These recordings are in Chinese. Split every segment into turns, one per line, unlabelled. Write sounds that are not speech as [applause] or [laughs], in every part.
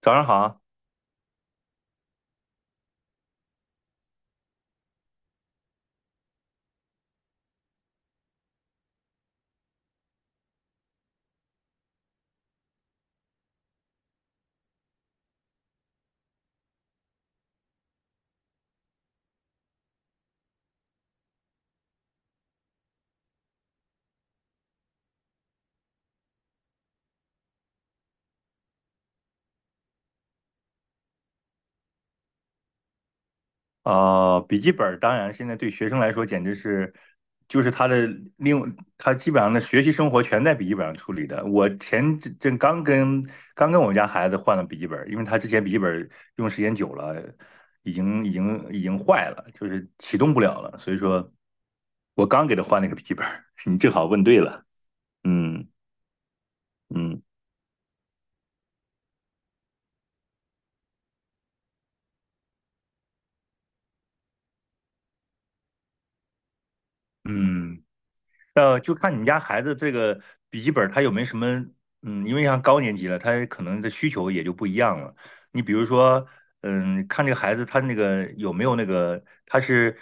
早上好。笔记本儿当然现在对学生来说简直是，就是他的另他基本上的学习生活全在笔记本上处理的。我前阵刚跟我们家孩子换了笔记本儿，因为他之前笔记本儿用时间久了，已经坏了，就是启动不了了。所以说，我刚给他换了一个笔记本儿，[laughs] 你正好问对了。嗯嗯嗯。就看你们家孩子这个笔记本，他有没有什么，因为像高年级了，他可能的需求也就不一样了。你比如说，看这个孩子他那个有没有那个，他是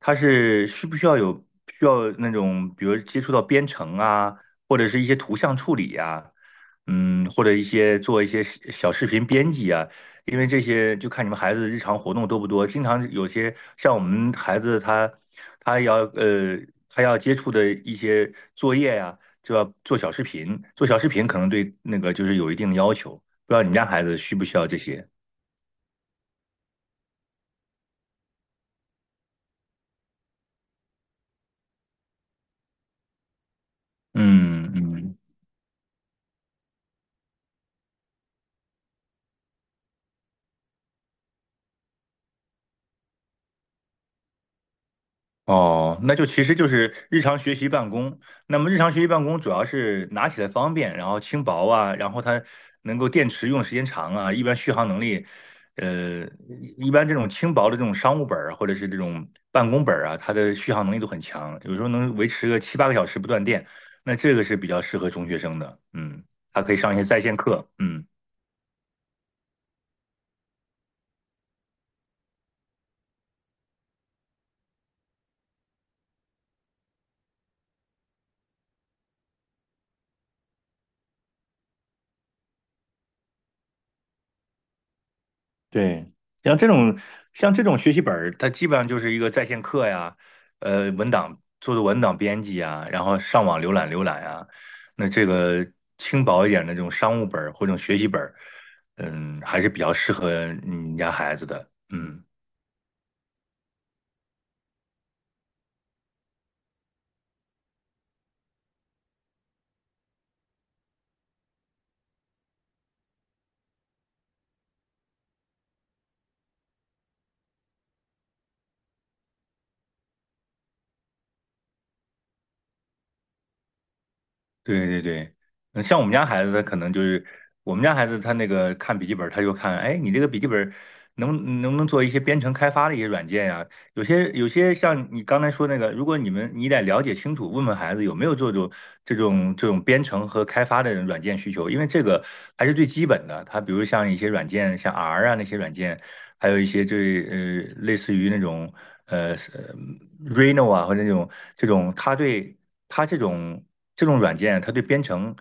他是需不需要需要那种，比如接触到编程啊，或者是一些图像处理呀、或者一些做一些小视频编辑啊，因为这些就看你们孩子日常活动多不多，经常有些像我们孩子他要呃他要接触的一些作业呀、就要做小视频，做小视频可能对那个就是有一定的要求，不知道你们家孩子需不需要这些？嗯嗯。哦，那就其实就是日常学习办公。那么日常学习办公主要是拿起来方便，然后轻薄啊，然后它能够电池用的时间长啊，一般续航能力。呃，一般这种轻薄的这种商务本儿啊或者是这种办公本儿啊，它的续航能力都很强，有时候能维持个七八个小时不断电。那这个是比较适合中学生的，嗯，它可以上一些在线课，嗯。对，像这种像这种学习本儿，它基本上就是一个在线课呀，文档做文档编辑啊，然后上网浏览啊。那这个轻薄一点的这种商务本儿或者这种学习本儿，嗯，还是比较适合你们家孩子的。嗯。对对对，嗯像我们家孩子，他可能就是我们家孩子，他那个看笔记本儿，他就看，哎，你这个笔记本儿能不能做一些编程开发的一些软件呀、有些像你刚才说那个，如果你们你得了解清楚，问问孩子有没有这种编程和开发的软件需求，因为这个还是最基本的。他比如像一些软件，像 R 啊那些软件，还有一些就是类似于那种呃是 r e n o 啊，或者那种这种，它对它这种这种软件，它对编程，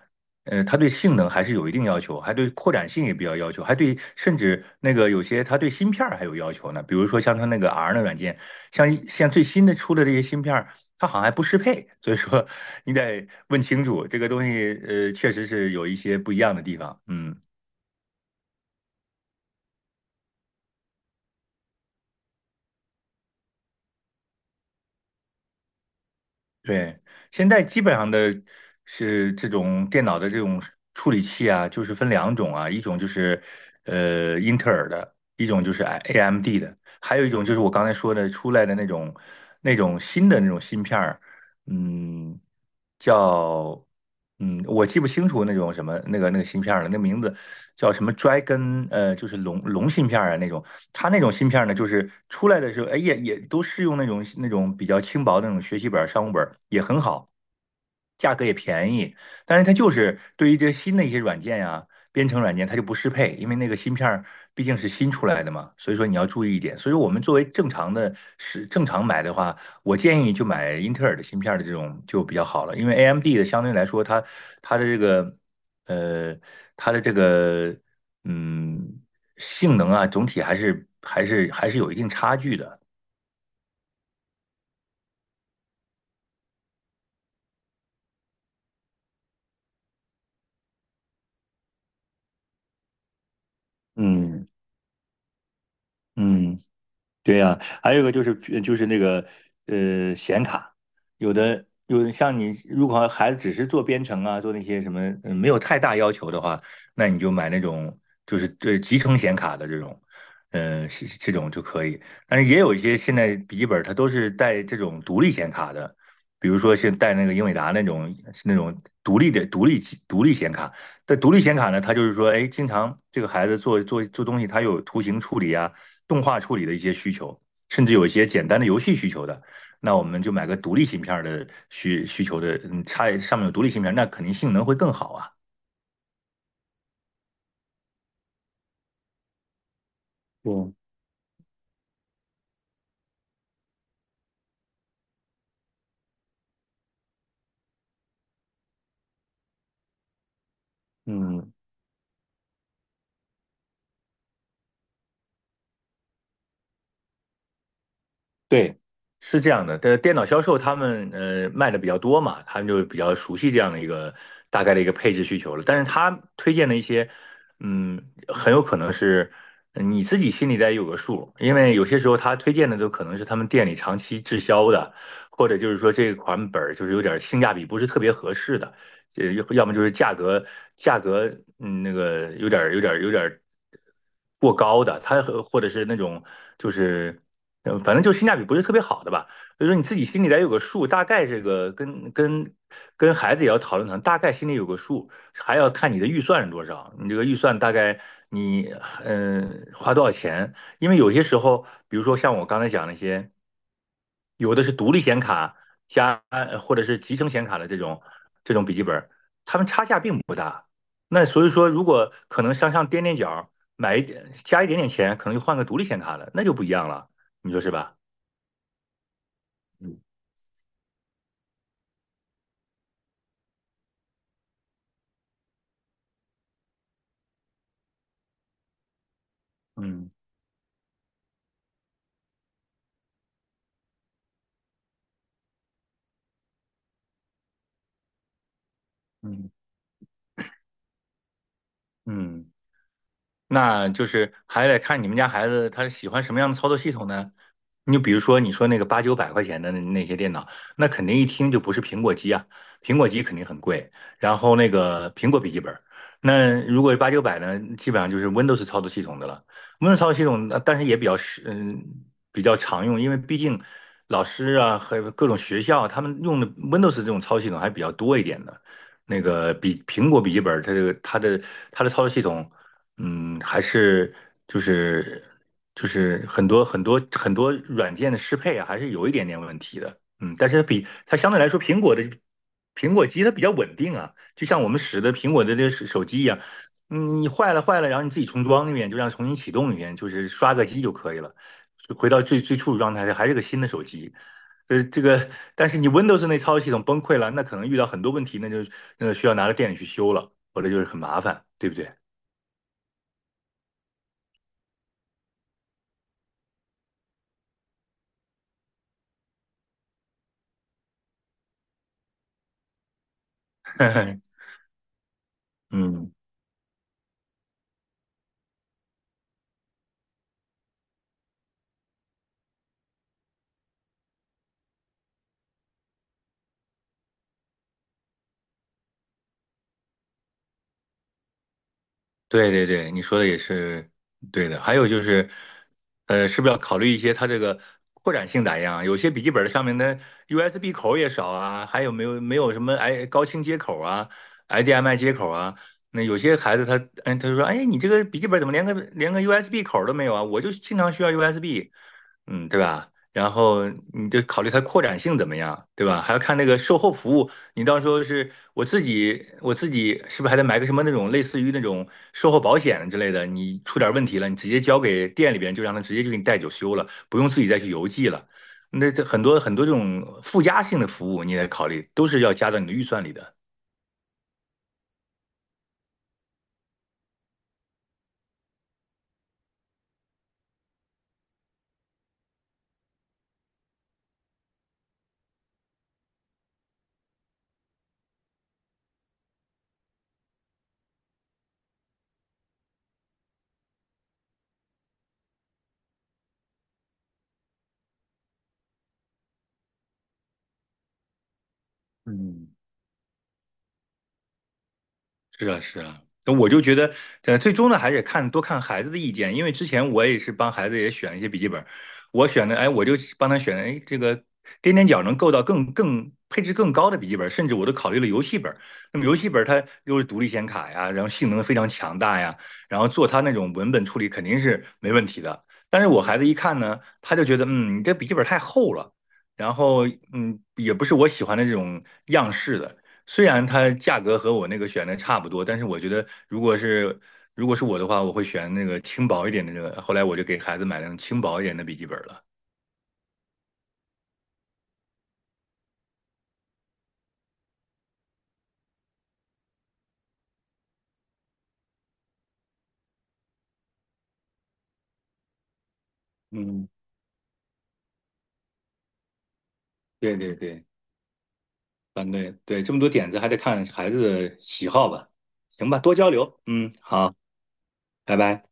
它对性能还是有一定要求，还对扩展性也比较要求，还对甚至那个有些它对芯片儿还有要求呢。比如说像它那个 R 的软件，像最新的出的这些芯片儿，它好像还不适配，所以说 [laughs] 你得问清楚这个东西，确实是有一些不一样的地方，嗯。对，现在基本上的是这种电脑的这种处理器啊，就是分两种啊，一种就是英特尔的，一种就是 AMD 的，还有一种就是我刚才说的出来的那种新的那种芯片儿，嗯，叫我记不清楚那种什么那个芯片儿了，那名字叫什么 Dragon 就是龙芯片儿啊那种，它那种芯片呢，就是出来的时候，哎，也都是用那种比较轻薄的那种学习本儿商务本儿也很好。价格也便宜，但是它就是对于这新的一些软件呀、编程软件，它就不适配，因为那个芯片儿毕竟是新出来的嘛，所以说你要注意一点。所以说我们作为正常的正常买的话，我建议就买英特尔的芯片的这种就比较好了，因为 AMD 的相对来说它的这个呃它的这个嗯性能啊，总体还是有一定差距的。嗯嗯。对呀，还有一个就是就是那个显卡，有的像你如果孩子只是做编程啊，做那些什么没有太大要求的话，那你就买那种就是对集成显卡的这种，这种就可以。但是也有一些现在笔记本它都是带这种独立显卡的，比如说是带那个英伟达那种独立的独立独立显卡。但独立显卡呢，它就是说，哎，经常这个孩子做东西，它有图形处理啊。动画处理的一些需求，甚至有一些简单的游戏需求的，那我们就买个独立芯片的需求的，嗯，插上面有独立芯片那肯定性能会更好啊。对，嗯，对，是这样的，这电脑销售他们卖的比较多嘛，他们就比较熟悉这样的一个大概的一个配置需求了。但是他推荐的一些，嗯，很有可能是你自己心里得有个数，因为有些时候他推荐的都可能是他们店里长期滞销的，或者就是说这款本儿就是有点性价比不是特别合适的，要么就是价格有点过高的，或者是那种就是。嗯，反正就性价比不是特别好的吧，所以说你自己心里得有个数，大概这个跟孩子也要讨论，大概心里有个数，还要看你的预算是多少，你这个预算大概你花多少钱，因为有些时候，比如说像我刚才讲那些，有的是独立显卡加或者是集成显卡的这种笔记本，它们差价并不大，那所以说如果可能向上垫垫脚，买一点加一点点钱，可能就换个独立显卡了，那就不一样了。你说是吧？嗯嗯嗯，那就是还得看你们家孩子他喜欢什么样的操作系统呢？你就比如说你说那个八九百块钱的那些电脑，那肯定一听就不是苹果机啊，苹果机肯定很贵。然后那个苹果笔记本儿，那如果八九百呢，基本上就是 Windows 操作系统的了。Windows 操作系统，但是也比较实，嗯，比较常用，因为毕竟老师啊和各种学校他们用的 Windows 这种操作系统还比较多一点的。那个比苹果笔记本儿，它这个它的它的操作系统。嗯，还是就是就是很多软件的适配啊，还是有一点点问题的。嗯，但是它比它相对来说，苹果机它比较稳定啊，就像我们使的苹果的这手机一样，嗯，你坏了，然后你自己重装一遍，就让重新启动一遍，就是刷个机就可以了，回到最最初的状态，还是个新的手机。呃，这个，但是你 Windows 那操作系统崩溃了，那可能遇到很多问题，那就需要拿到店里去修了，或者就是很麻烦，对不对？[laughs] 嗯，对对对，你说的也是对的。还有就是，是不是要考虑一些它这个扩展性咋样啊？有些笔记本的上面的 USB 口也少啊，还没有什么哎高清接口啊、HDMI 接口啊？那有些孩子他就说，哎，你这个笔记本怎么连个 USB 口都没有啊？我就经常需要 USB,嗯，对吧？然后你就考虑它扩展性怎么样，对吧？还要看那个售后服务，你到时候我自己是不是还得买个什么那种类似于那种售后保险之类的？你出点问题了，你直接交给店里边，就让他直接就给你带走修了，不用自己再去邮寄了。那这很多这种附加性的服务，你得考虑，都是要加到你的预算里的。嗯，是啊，是啊，那我就觉得，最终呢，还得看多看孩子的意见，因为之前我也是帮孩子也选了一些笔记本，我选的，哎，我就帮他选了，哎，这个踮踮脚能够到更配置更高的笔记本，甚至我都考虑了游戏本。那么游戏本它又是独立显卡呀，然后性能非常强大呀，然后做它那种文本处理肯定是没问题的。但是我孩子一看呢，他就觉得，嗯，你这笔记本太厚了，然后嗯，也不是我喜欢的这种样式的。虽然它价格和我那个选的差不多，但是我觉得如果是我的话，我会选那个轻薄一点的那个。后来我就给孩子买那种轻薄一点的笔记本了。嗯，对对对，这么多点子还得看孩子的喜好吧。行吧，多交流。嗯，好，拜拜。